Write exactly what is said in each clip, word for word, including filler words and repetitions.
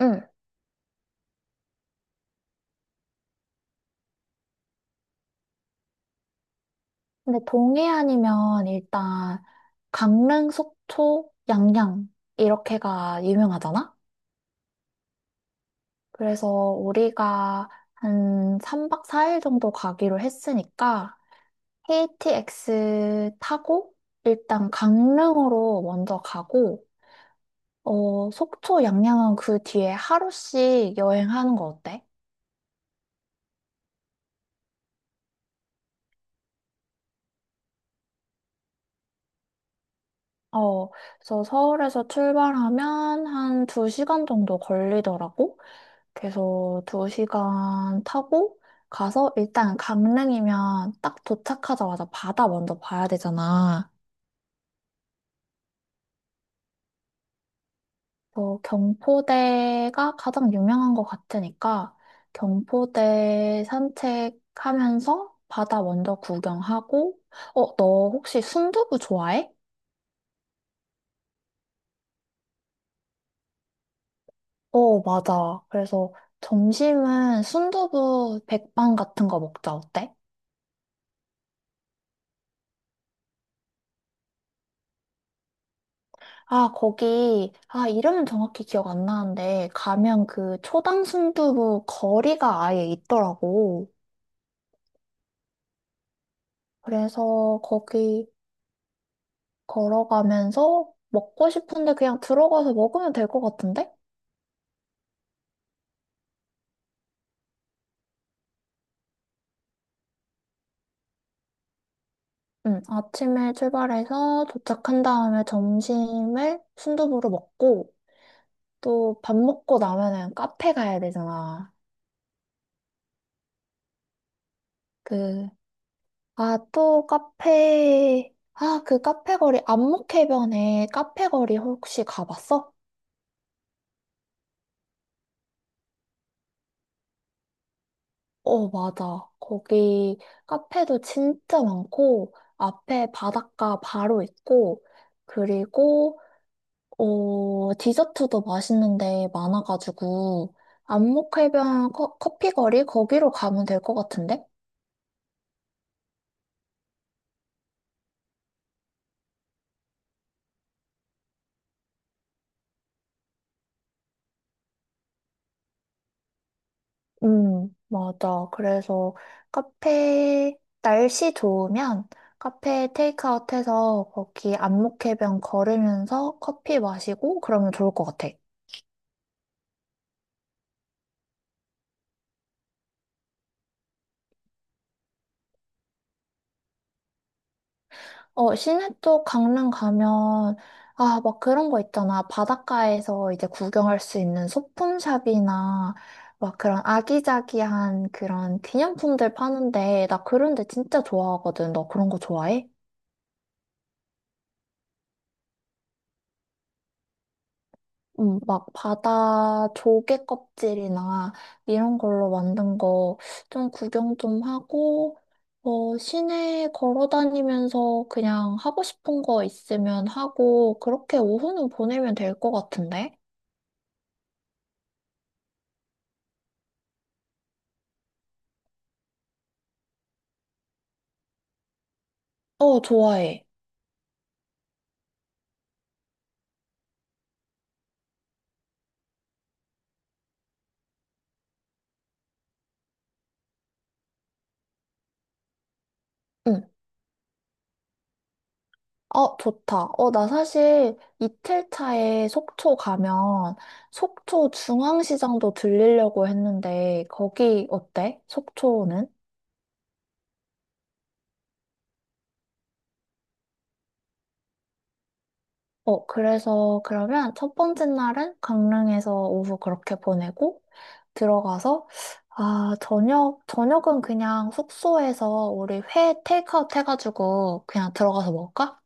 응. 근데 동해안이면 일단 강릉, 속초, 양양 이렇게가 유명하잖아? 그래서 우리가 한 삼 박 사 일 정도 가기로 했으니까 케이티엑스 타고 일단 강릉으로 먼저 가고 어, 속초, 양양은 그 뒤에 하루씩 여행하는 거 어때? 어, 그래서 서울에서 출발하면 한 두 시간 정도 걸리더라고. 그래서 두 시간 타고 가서 일단 강릉이면 딱 도착하자마자 바다 먼저 봐야 되잖아. 그 경포대가 가장 유명한 것 같으니까 경포대 산책하면서 바다 먼저 구경하고, 어, 너 혹시 순두부 좋아해? 어, 맞아. 그래서 점심은 순두부 백반 같은 거 먹자. 어때? 아, 거기, 아, 이름은 정확히 기억 안 나는데, 가면 그 초당 순두부 거리가 아예 있더라고. 그래서 거기 걸어가면서 먹고 싶은데 그냥 들어가서 먹으면 될 것 같은데? 응, 아침에 출발해서 도착한 다음에 점심을 순두부로 먹고, 또 밥 먹고 나면은 카페 가야 되잖아. 그, 아, 또 카페, 아, 그 카페 거리, 안목해변에 카페 거리 혹시 가봤어? 어, 맞아. 거기 카페도 진짜 많고, 앞에 바닷가 바로 있고, 그리고, 어, 디저트도 맛있는데 많아가지고, 안목해변 커, 커피 거리? 거기로 가면 될 것 같은데? 음, 맞아. 그래서 카페, 날씨 좋으면 카페 테이크아웃 해서 거기 안목해변 걸으면서 커피 마시고 그러면 좋을 것 같아. 어, 시내 쪽 강릉 가면, 아, 막 그런 거 있잖아. 바닷가에서 이제 구경할 수 있는 소품샵이나, 막 그런 아기자기한 그런 기념품들 파는데, 나 그런 데 진짜 좋아하거든. 너 그런 거 좋아해? 응. 막 바다 조개 껍질이나 이런 걸로 만든 거 좀 구경 좀 하고, 어, 시내 걸어 다니면서 그냥 하고 싶은 거 있으면 하고, 그렇게 오후는 보내면 될 것 같은데? 어, 좋아해. 응. 어, 좋다. 어, 나 사실 이틀 차에 속초 가면 속초 중앙시장도 들리려고 했는데 거기 어때? 속초는? 어, 그래서 그러면 첫 번째 날은 강릉에서 오후 그렇게 보내고 들어가서 아, 저녁, 저녁은 그냥 숙소에서 우리 회 테이크아웃 해가지고 그냥 들어가서 먹을까?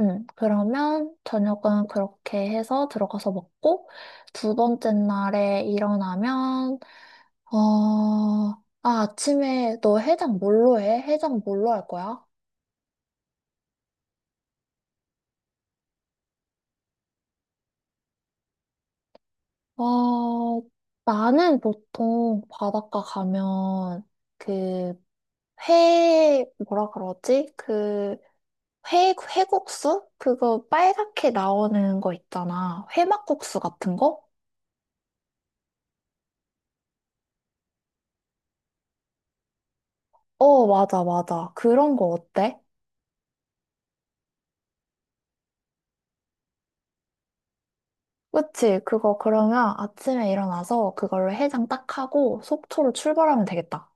음, 그러면 저녁은 그렇게 해서 들어가서 먹고, 두 번째 날에 일어나면, 어, 아, 아침에 너 해장 뭘로 해? 해장 뭘로 할 거야? 어, 나는 보통 바닷가 가면, 그, 회, 뭐라 그러지? 그, 회, 회국수? 그거 빨갛게 나오는 거 있잖아. 회막국수 같은 거? 어, 맞아, 맞아. 그런 거 어때? 그치? 그거 그러면 아침에 일어나서 그걸로 해장 딱 하고 속초로 출발하면 되겠다.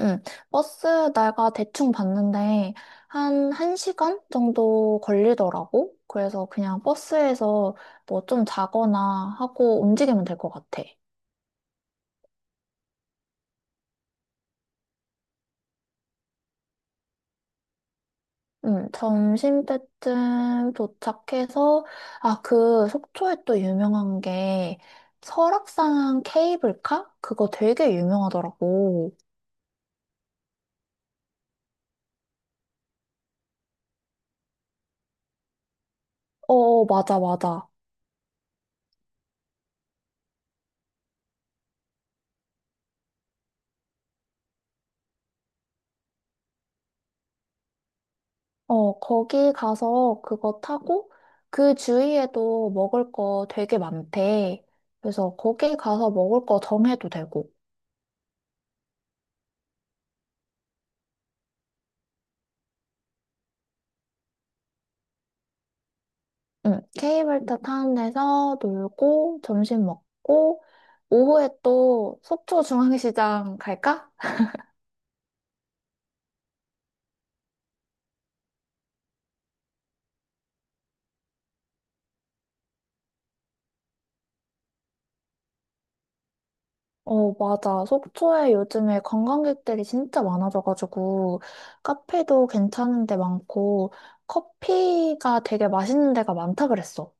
응. 버스 내가 대충 봤는데 한 1시간 정도 걸리더라고. 그래서 그냥 버스에서 뭐 좀 자거나 하고 움직이면 될 것 같아. 응. 점심 때쯤 도착해서 아, 그 속초에 또 유명한 게 설악산 케이블카? 그거 되게 유명하더라고. 어, 어, 맞아, 맞아. 어, 거기 가서 그거 타고 그 주위에도 먹을 거 되게 많대. 그래서 거기 가서 먹을 거 정해도 되고. 응, 케이블카 타는 데서 놀고 점심 먹고 오후에 또 속초 중앙시장 갈까? 어, 맞아. 속초에 요즘에 관광객들이 진짜 많아져가지고 카페도 괜찮은 데 많고 커피가 되게 맛있는 데가 많다 그랬어.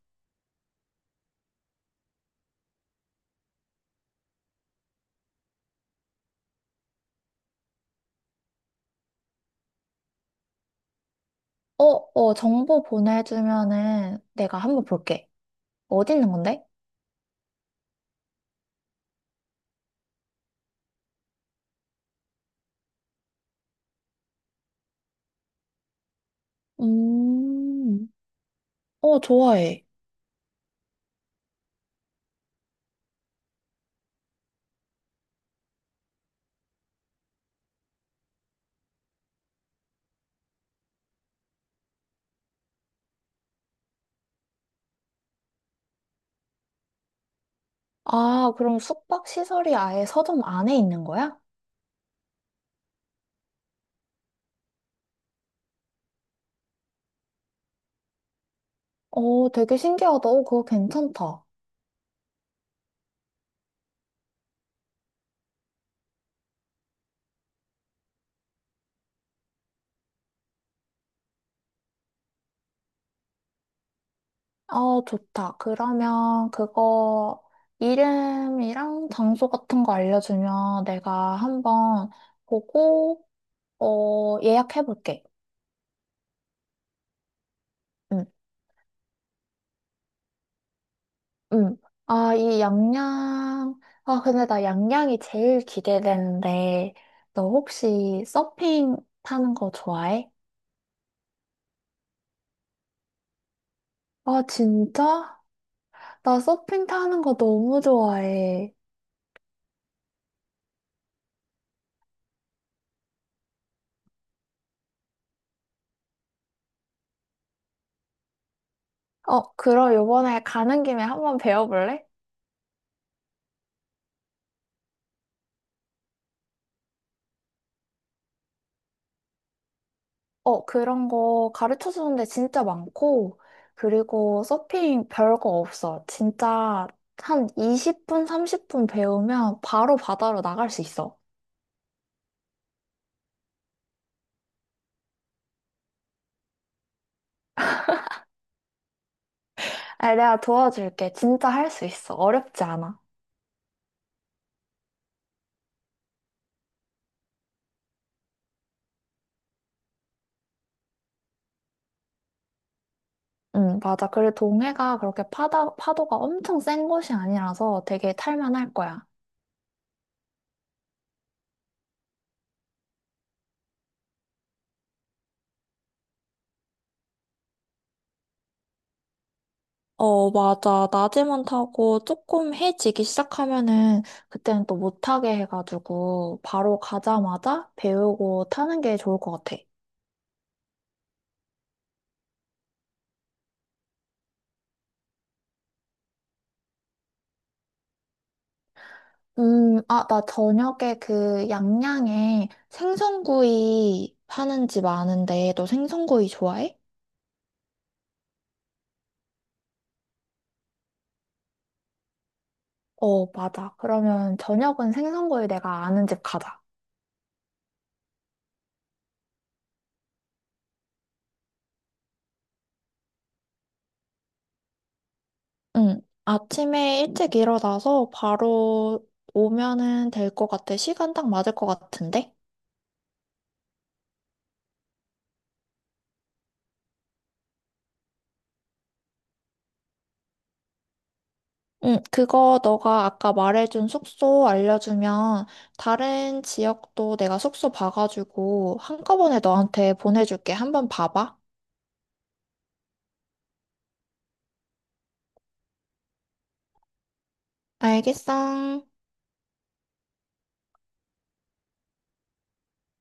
어, 어, 정보 보내주면은 내가 한번 볼게. 어디 있는 건데? 음, 어, 좋아해. 아, 그럼 숙박 시설이 아예 서점 안에 있는 거야? 어, 되게 신기하다. 어, 그거 괜찮다. 어, 좋다. 그러면 그거 이름이랑 장소 같은 거 알려주면 내가 한번 보고, 어, 예약해볼게. 응. 음. 아, 이 양양. 아, 근데 나 양양이 제일 기대되는데, 너 혹시 서핑 타는 거 좋아해? 아, 진짜? 나 서핑 타는 거 너무 좋아해. 어, 그럼 요번에 가는 김에 한번 배워볼래? 어, 그런 거 가르쳐 주는데 진짜 많고, 그리고 서핑 별 거 없어. 진짜 한 이십 분, 삼십 분 배우면 바로 바다로 나갈 수 있어. 아, 내가 도와줄게. 진짜 할 수 있어. 어렵지 않아. 응, 맞아. 그리고 동해가 그렇게 파다, 파도가 엄청 센 곳이 아니라서 되게 탈만할 거야. 어, 맞아. 낮에만 타고 조금 해지기 시작하면은 그때는 또 못하게 해가지고 바로 가자마자 배우고 타는 게 좋을 것 같아. 음, 아, 나 저녁에 그 양양에 생선구이 파는 집 아는데 너 생선구이 좋아해? 어, 맞아. 그러면 저녁은 생선구이 내가 아는 집 가자. 응. 아침에 일찍 일어나서 바로 오면은 될 것 같아. 시간 딱 맞을 것 같은데? 응, 그거 너가 아까 말해준 숙소 알려주면 다른 지역도 내가 숙소 봐가지고 한꺼번에 너한테 보내줄게. 한번 봐봐. 알겠어.